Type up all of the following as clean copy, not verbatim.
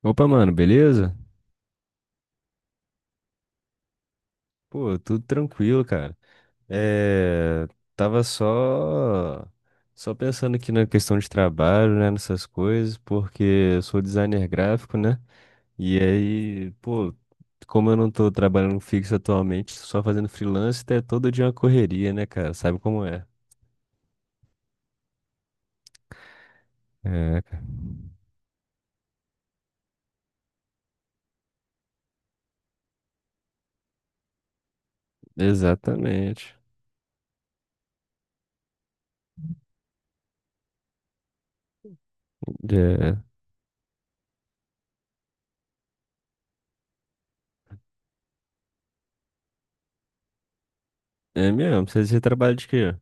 Opa, mano, beleza? Pô, tudo tranquilo, cara. É, tava só pensando aqui na questão de trabalho, né, nessas coisas, porque eu sou designer gráfico, né? E aí, pô, como eu não tô trabalhando fixo atualmente, só fazendo freelance, é todo dia uma correria, né, cara? Sabe como é? É, cara. Exatamente. É, é mesmo, você trabalha de quê?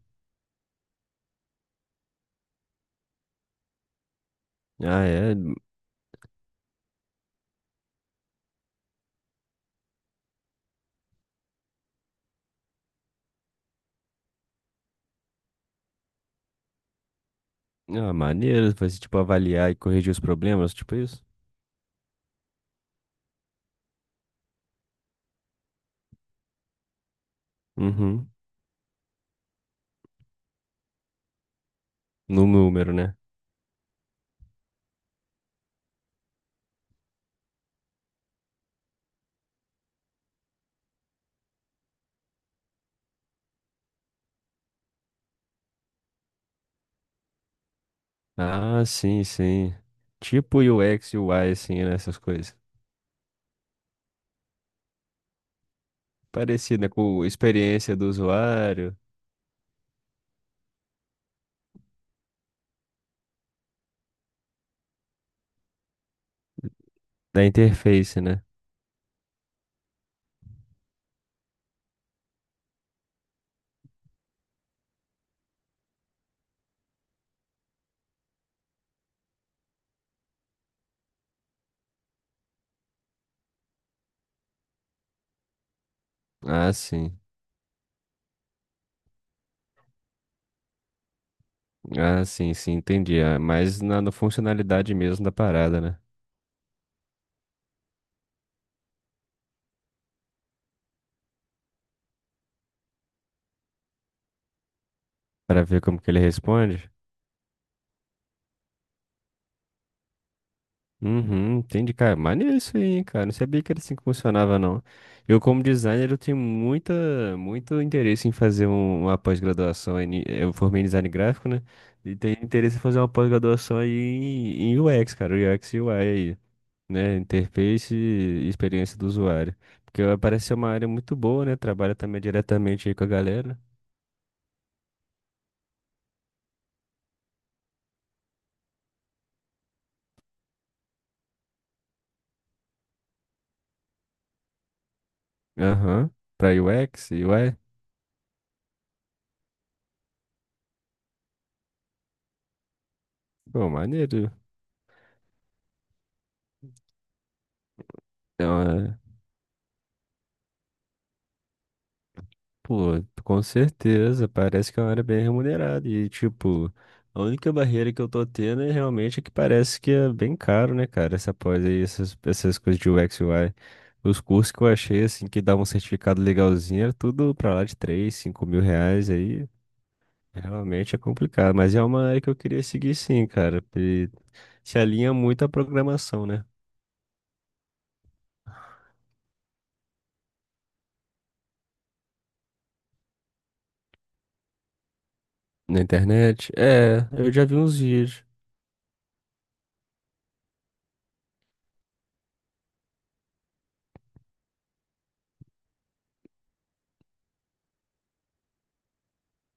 Ah, é. Ah, maneiro, vai ser tipo avaliar e corrigir os problemas, tipo isso? Uhum. No número, né? Ah, sim, sim. Tipo U X, e UI, assim, né? Essas coisas. Parecido, né? Com experiência do usuário, da interface, né? Ah, sim. Ah, sim, sim, entendi. Ah, mas na funcionalidade mesmo da parada, né? Pra ver como que ele responde. Uhum, entendi, cara. Maneiro isso aí, hein, cara. Não sabia que era assim que funcionava, não. Eu, como designer, eu tenho muita, muito interesse em fazer uma pós-graduação. Eu formei em design gráfico, né? E tenho interesse em fazer uma pós-graduação aí em UX, cara. UX e UI aí, né? Interface e experiência do usuário. Porque parece ser uma área muito boa, né? Trabalha também diretamente aí com a galera. Aham. Pra UX e UI. Pô, maneiro. Pô, com certeza, parece que é uma área bem remunerada. E, tipo, a única barreira que eu tô tendo é realmente é que parece que é bem caro, né, cara? Essa pós aí, essas, essas coisas de UX e UI. Os cursos que eu achei, assim, que davam um certificado legalzinho, era tudo pra lá de três, cinco mil R$. Aí realmente é complicado. Mas é uma área que eu queria seguir, sim, cara. E se alinha muito à programação, né? Na internet? É, eu já vi uns vídeos.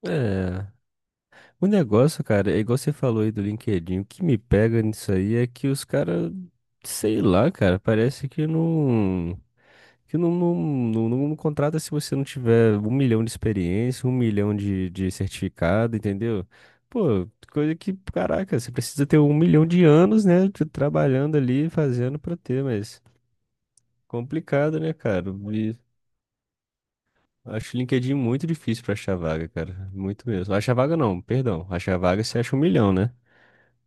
É. O negócio, cara, é igual você falou aí do LinkedIn. O que me pega nisso aí é que os caras, sei lá, cara, parece que não. Que não contrata se você não tiver um milhão de experiência, um milhão de certificado, entendeu? Pô, coisa que, caraca, você precisa ter um milhão de anos, né, trabalhando ali, fazendo pra ter, mas complicado, né, cara? E acho o LinkedIn muito difícil pra achar vaga, cara, muito mesmo. Achar vaga não, perdão, achar vaga você acha um milhão, né?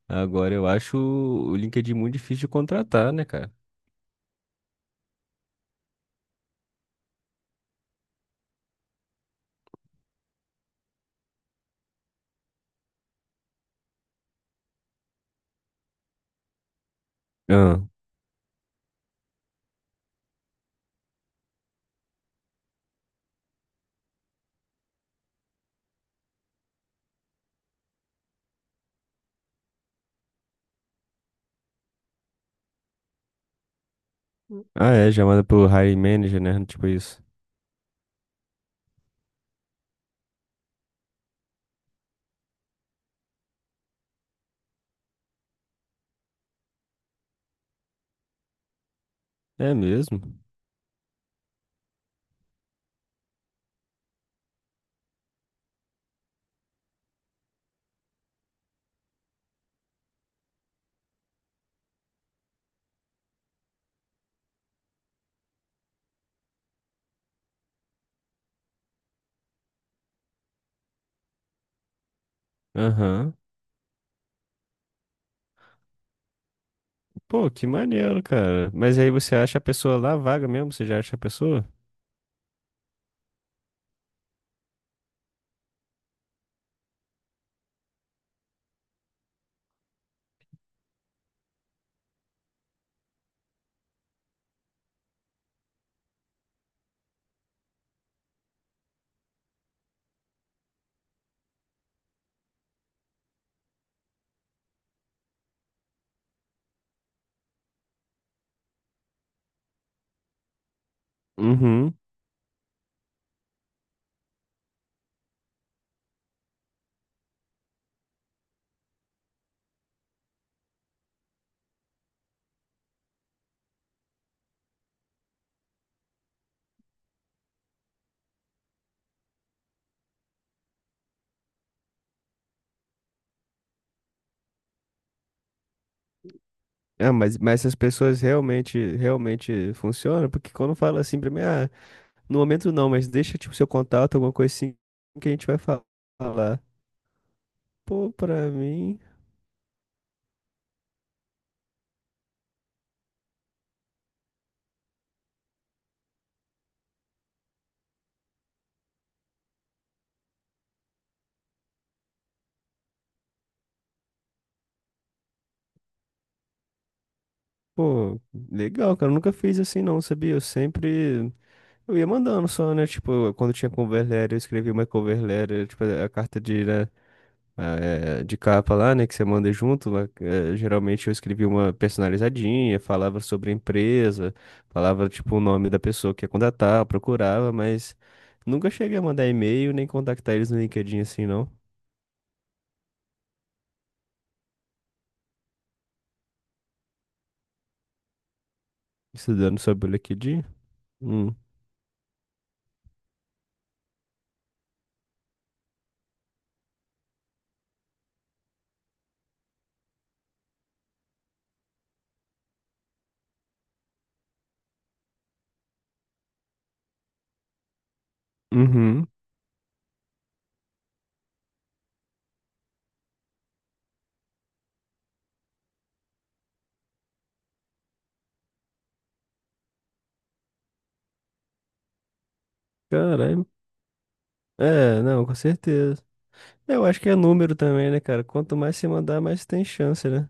Agora eu acho o LinkedIn muito difícil de contratar, né, cara? Ah, É, chamada pro hiring manager, né? Tipo isso. É mesmo? Aham. Pô, que maneiro, cara. Mas aí você acha a pessoa lá, a vaga mesmo? Você já acha a pessoa? Uhum. Ah, mas essas pessoas realmente, realmente funcionam? Porque quando fala assim pra mim, ah, no momento não, mas deixa, tipo, seu contato, alguma coisa assim que a gente vai falar. Pô, pra mim, pô, legal, cara, eu nunca fiz assim não, sabia? Eu sempre eu ia mandando só, né? Tipo, quando tinha cover letter, eu escrevia uma cover letter, tipo, a carta de, né, a, de capa lá, né, que você manda junto. Lá, geralmente eu escrevia uma personalizadinha, falava sobre a empresa, falava, tipo, o nome da pessoa que ia contratar, eu procurava, mas nunca cheguei a mandar e-mail nem contactar eles no LinkedIn assim, não. Estudando sobre o LinkedIn. Hum. Uhum. Caralho. É, não, com certeza. Eu acho que é número também, né, cara? Quanto mais você mandar, mais tem chance, né?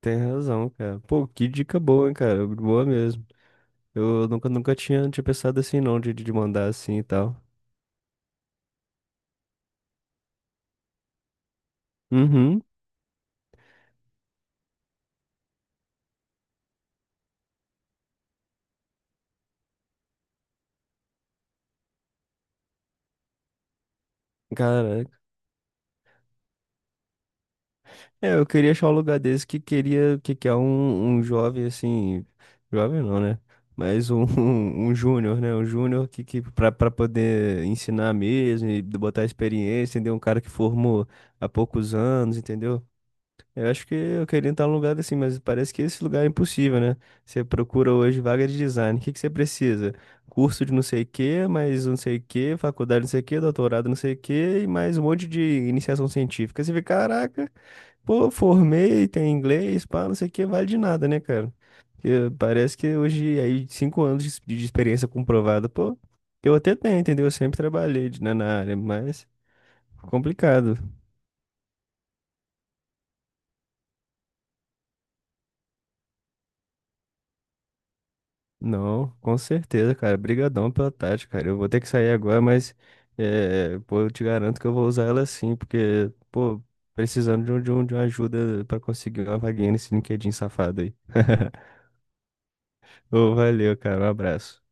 Tem razão, cara. Pô, que dica boa, hein, cara. Boa mesmo. Eu nunca tinha, tinha pensado assim, não, de mandar assim e tal. Uhum. Caraca. É, eu queria achar um lugar desse que queria, que quer um, um jovem, assim, jovem não, né? Mas um, um júnior, né? Um júnior que pra, pra poder ensinar mesmo e botar experiência, entendeu? Um cara que formou há poucos anos, entendeu? Eu acho que eu queria entrar num lugar assim, mas parece que esse lugar é impossível, né? Você procura hoje vaga de design. O que que você precisa? Curso de não sei o quê, mais não sei o quê, faculdade não sei o quê, doutorado não sei o quê, e mais um monte de iniciação científica. Você vê, caraca, pô, formei, tem inglês, pá, não sei o quê, vale de nada, né, cara? Porque parece que hoje, aí, 5 anos de experiência comprovada, pô, eu até tenho, entendeu? Eu sempre trabalhei né, na área, mas complicado. Não, com certeza, cara. Brigadão pela tática, cara. Eu vou ter que sair agora, mas é, pô, eu te garanto que eu vou usar ela sim, porque, pô, precisando de, um, de, de uma ajuda pra conseguir uma vaguinha nesse LinkedIn safado aí. Ô, valeu, cara. Um abraço.